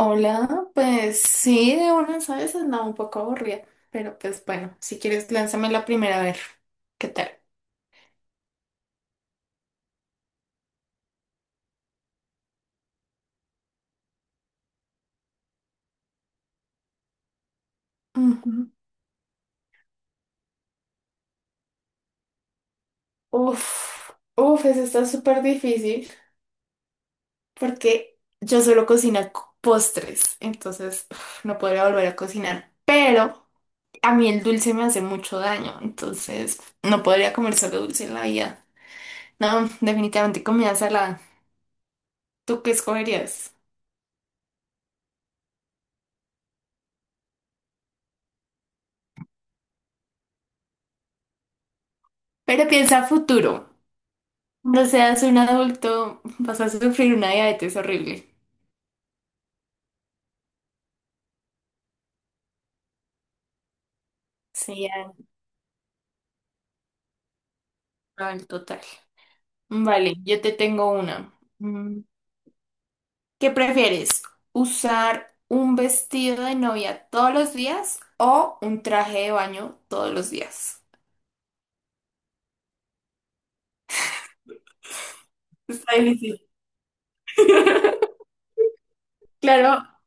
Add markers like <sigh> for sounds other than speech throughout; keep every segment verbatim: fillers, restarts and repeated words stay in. Hola, pues sí, de una, ¿sabes? Andaba un poco aburrida, pero pues bueno, si quieres, lánzame la primera a ver. ¿Qué tal? Ujú. Uf, uf, eso está súper difícil porque yo solo cocino co- postres, entonces uf, no podría volver a cocinar, pero a mí el dulce me hace mucho daño, entonces no podría comer solo dulce en la vida. No, definitivamente comida salada. ¿Tú qué escogerías? Pero piensa a futuro. Cuando seas un adulto, vas a sufrir una diabetes horrible. Sí, al total. Vale, yo te tengo una. Mm, ¿Qué prefieres? ¿Usar un vestido de novia todos los días o un traje de baño todos los días? Está difícil. <laughs> Claro,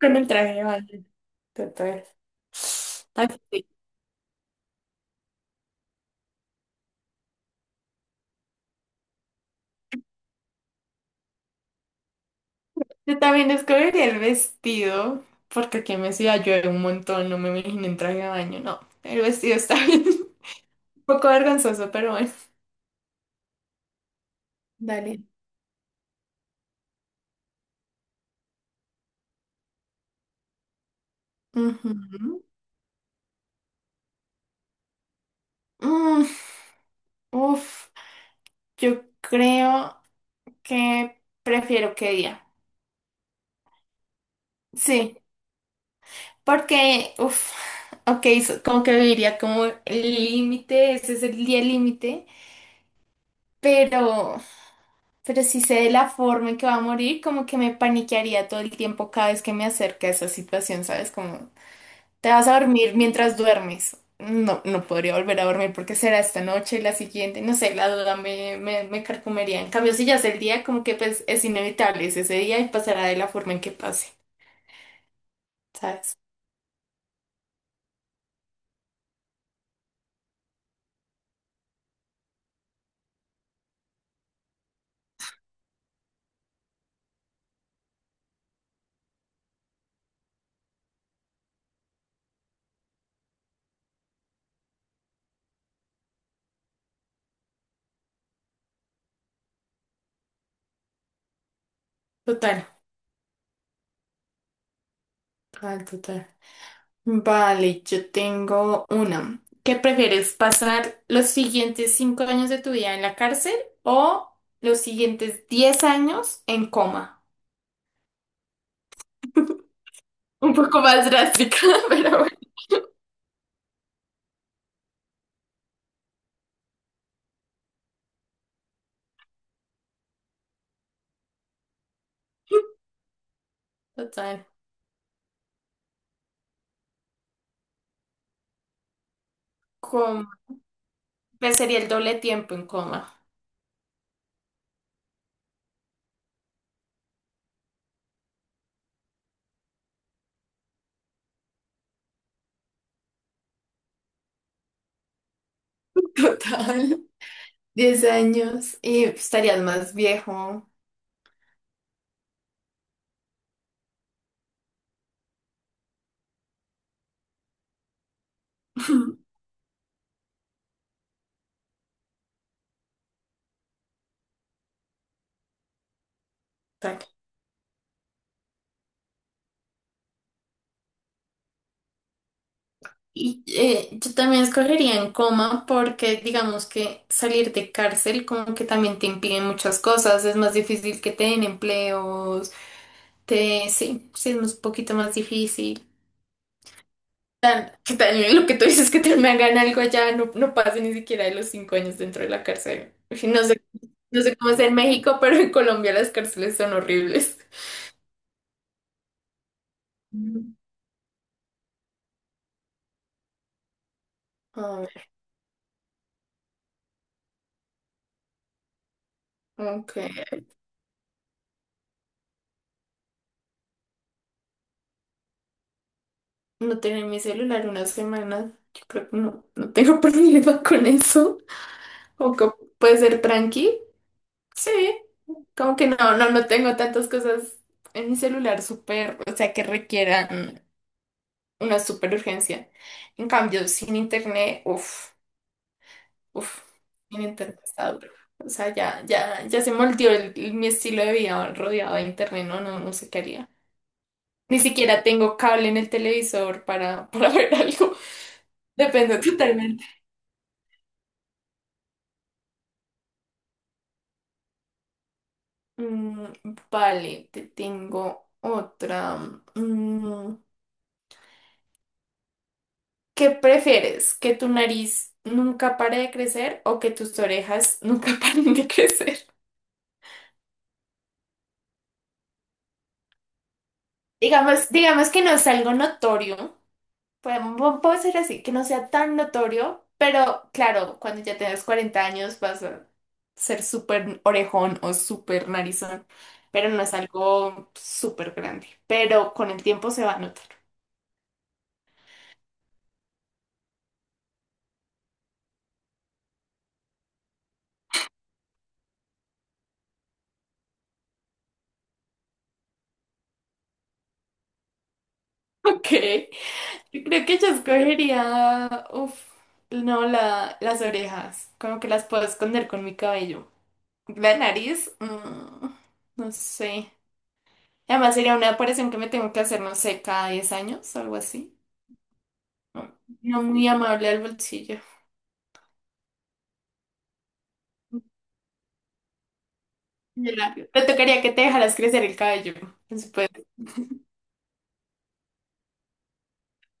con el traje de baño. Total. Está difícil. Yo también escogería el vestido, porque aquí en mi ciudad llueve un montón, no me imagino en traje de baño, no. El vestido está bien. Un poco vergonzoso, pero bueno. Dale. Ujú. Mm, uf, yo creo que prefiero que día. Sí, porque, uf, ok, so- como que viviría como el límite, ese es el día límite, pero, pero si sé de la forma en que va a morir, como que me paniquearía todo el tiempo cada vez que me acerque a esa situación, ¿sabes? Como ¿te vas a dormir mientras duermes? No, no podría volver a dormir porque será esta noche, la siguiente, no sé, la duda me, me, me carcomería. En cambio, si ya es el día, como que pues es inevitable, es ese día y pasará de la forma en que pase, ¿sabes? Total, total, total. Vale, yo tengo una. ¿Qué prefieres, pasar los siguientes cinco años de tu vida en la cárcel o los siguientes diez años en coma? Un poco más drástica, <laughs> pero bueno, total. Pues sería el doble tiempo en coma. <laughs> Total. Diez años y pues, estarías más viejo. <laughs> Tal. Y eh, yo también escogería en coma porque digamos que salir de cárcel como que también te impiden muchas cosas, es más difícil que te den empleos, te, sí, sí es más- un poquito más difícil. Tan- Que también lo que tú dices que te me hagan algo allá no, no pase ni siquiera de los cinco años dentro de la cárcel. En fin, no sé, no sé cómo es en México, pero en Colombia las cárceles son horribles. Mm. A ver, ok. No tener mi celular una semana, yo creo que no, no tengo <laughs> problema con eso. O que puede ser tranqui. Sí, como que no, no, no tengo tantas cosas en mi celular súper, o sea, que requieran una súper urgencia. En cambio, sin internet, uff, uff, sin internet está duro. O sea, ya, ya, ya se moldeó el- el- mi estilo de vida rodeado de internet, no, no, no sé qué haría. Ni siquiera tengo cable en el televisor para, para <laughs> ver algo. Depende totalmente. Mm, vale, te tengo otra. Mm, ¿qué prefieres? ¿Que tu nariz nunca pare de crecer o que tus orejas nunca <laughs> paren de crecer? Digamos, digamos que no es algo notorio. Podemos, puede ser así, que no sea tan notorio, pero claro, cuando ya tengas cuarenta años vas a ser súper orejón o súper narizón, pero no es algo súper grande, pero con el tiempo se va a notar. <laughs> Ok, yo creo que yo escogería, uff, no, la, las orejas, como que las puedo esconder con mi cabello. La nariz, mm, no sé. Además sería una operación que me tengo que hacer, no sé, cada diez años, algo así. No muy amable al bolsillo. De labio. Te tocaría que te dejaras crecer el cabello. Eso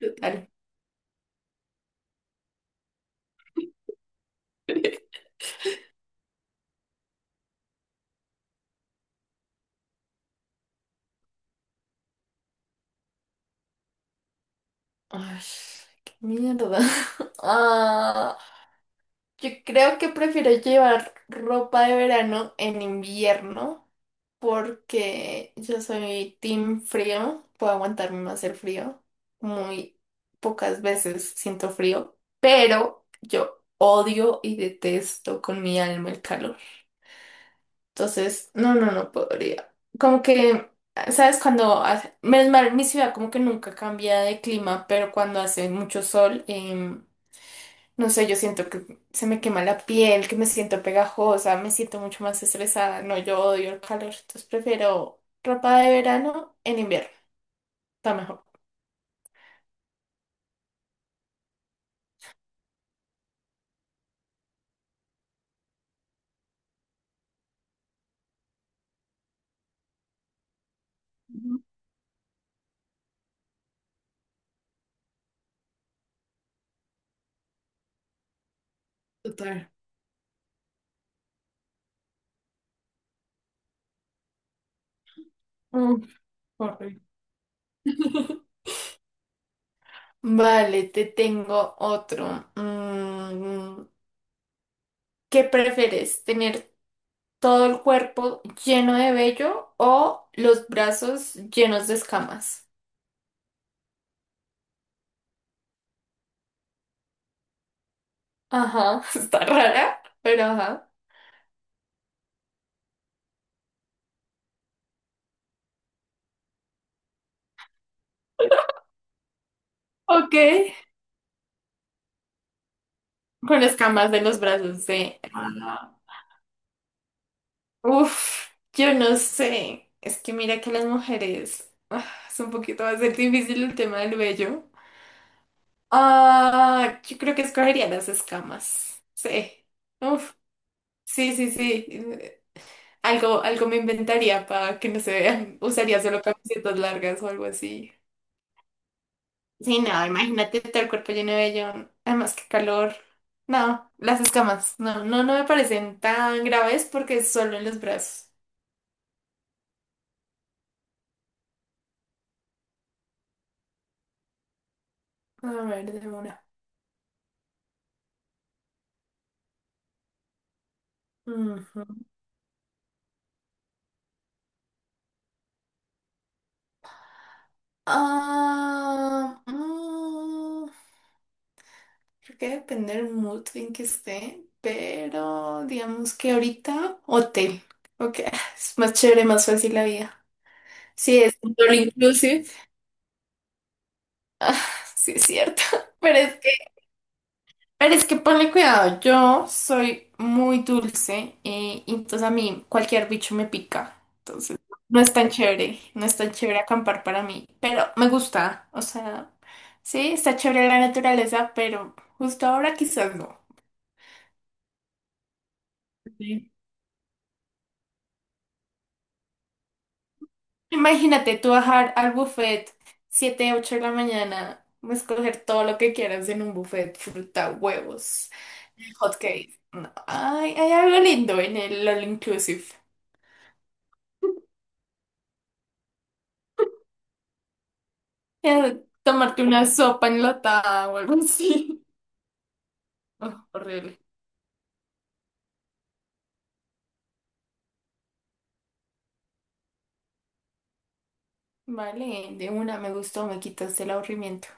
total. Ay, qué mierda. <laughs> Ah, yo creo que prefiero llevar ropa de verano en invierno porque yo soy team frío. Puedo aguantarme más el frío. Muy pocas veces siento frío, pero yo odio y detesto con mi alma el calor. Entonces, no, no, no podría. Como que, ¿sabes? Cuando hace- menos mal, mi ciudad como que nunca cambia de clima, pero cuando hace mucho sol, em, no sé, yo siento que se me quema la piel, que me siento pegajosa, me siento mucho más estresada. No, yo odio el calor, entonces prefiero ropa de verano en invierno. Está mejor. Ujú, total. Mm, horrible. <laughs> Vale, te tengo otro. Mm, ¿qué prefieres? ¿Tener todo el cuerpo lleno de vello o los brazos llenos de escamas? Ajá, <laughs> está rara, pero ajá. Ok. Con escamas de los brazos de... Ah, uf, yo no sé. Es que mira que las mujeres... ah, es un poquito, va a ser difícil el tema del vello. Ah, yo creo que escogería las escamas. Sí. Uf, sí, sí, sí. Algo, algo me inventaría para que no se vean. Usaría solo camisetas largas o algo así. Sí, no, imagínate todo el cuerpo lleno de vellón. Además, qué calor. No, las escamas. No, no, no me parecen tan graves porque es solo en los brazos. A ver, de una. Ujú. Ah, mm, creo que depende del mood en que esté, pero digamos que ahorita hotel. Ok, es más chévere, más fácil la vida. Sí, es un all inclusive. <laughs> Sí, es cierto. <laughs> Pero es pero es que ponle cuidado, yo soy muy dulce eh, y entonces a mí cualquier bicho me pica. Entonces no es tan chévere, no es tan chévere acampar para mí, pero me gusta, o sea, sí, está chévere la naturaleza, pero justo ahora quizás no. Sí. Imagínate tú bajar al buffet siete ocho de la mañana, escoger todo lo que quieras en un buffet, fruta, huevos, hot cakes. No, ay, hay algo lindo en el all inclusive. Eh, Tomarte una sopa enlatada o algo así. <laughs> Oh, horrible. Vale, de una me gustó, me quitaste el aburrimiento.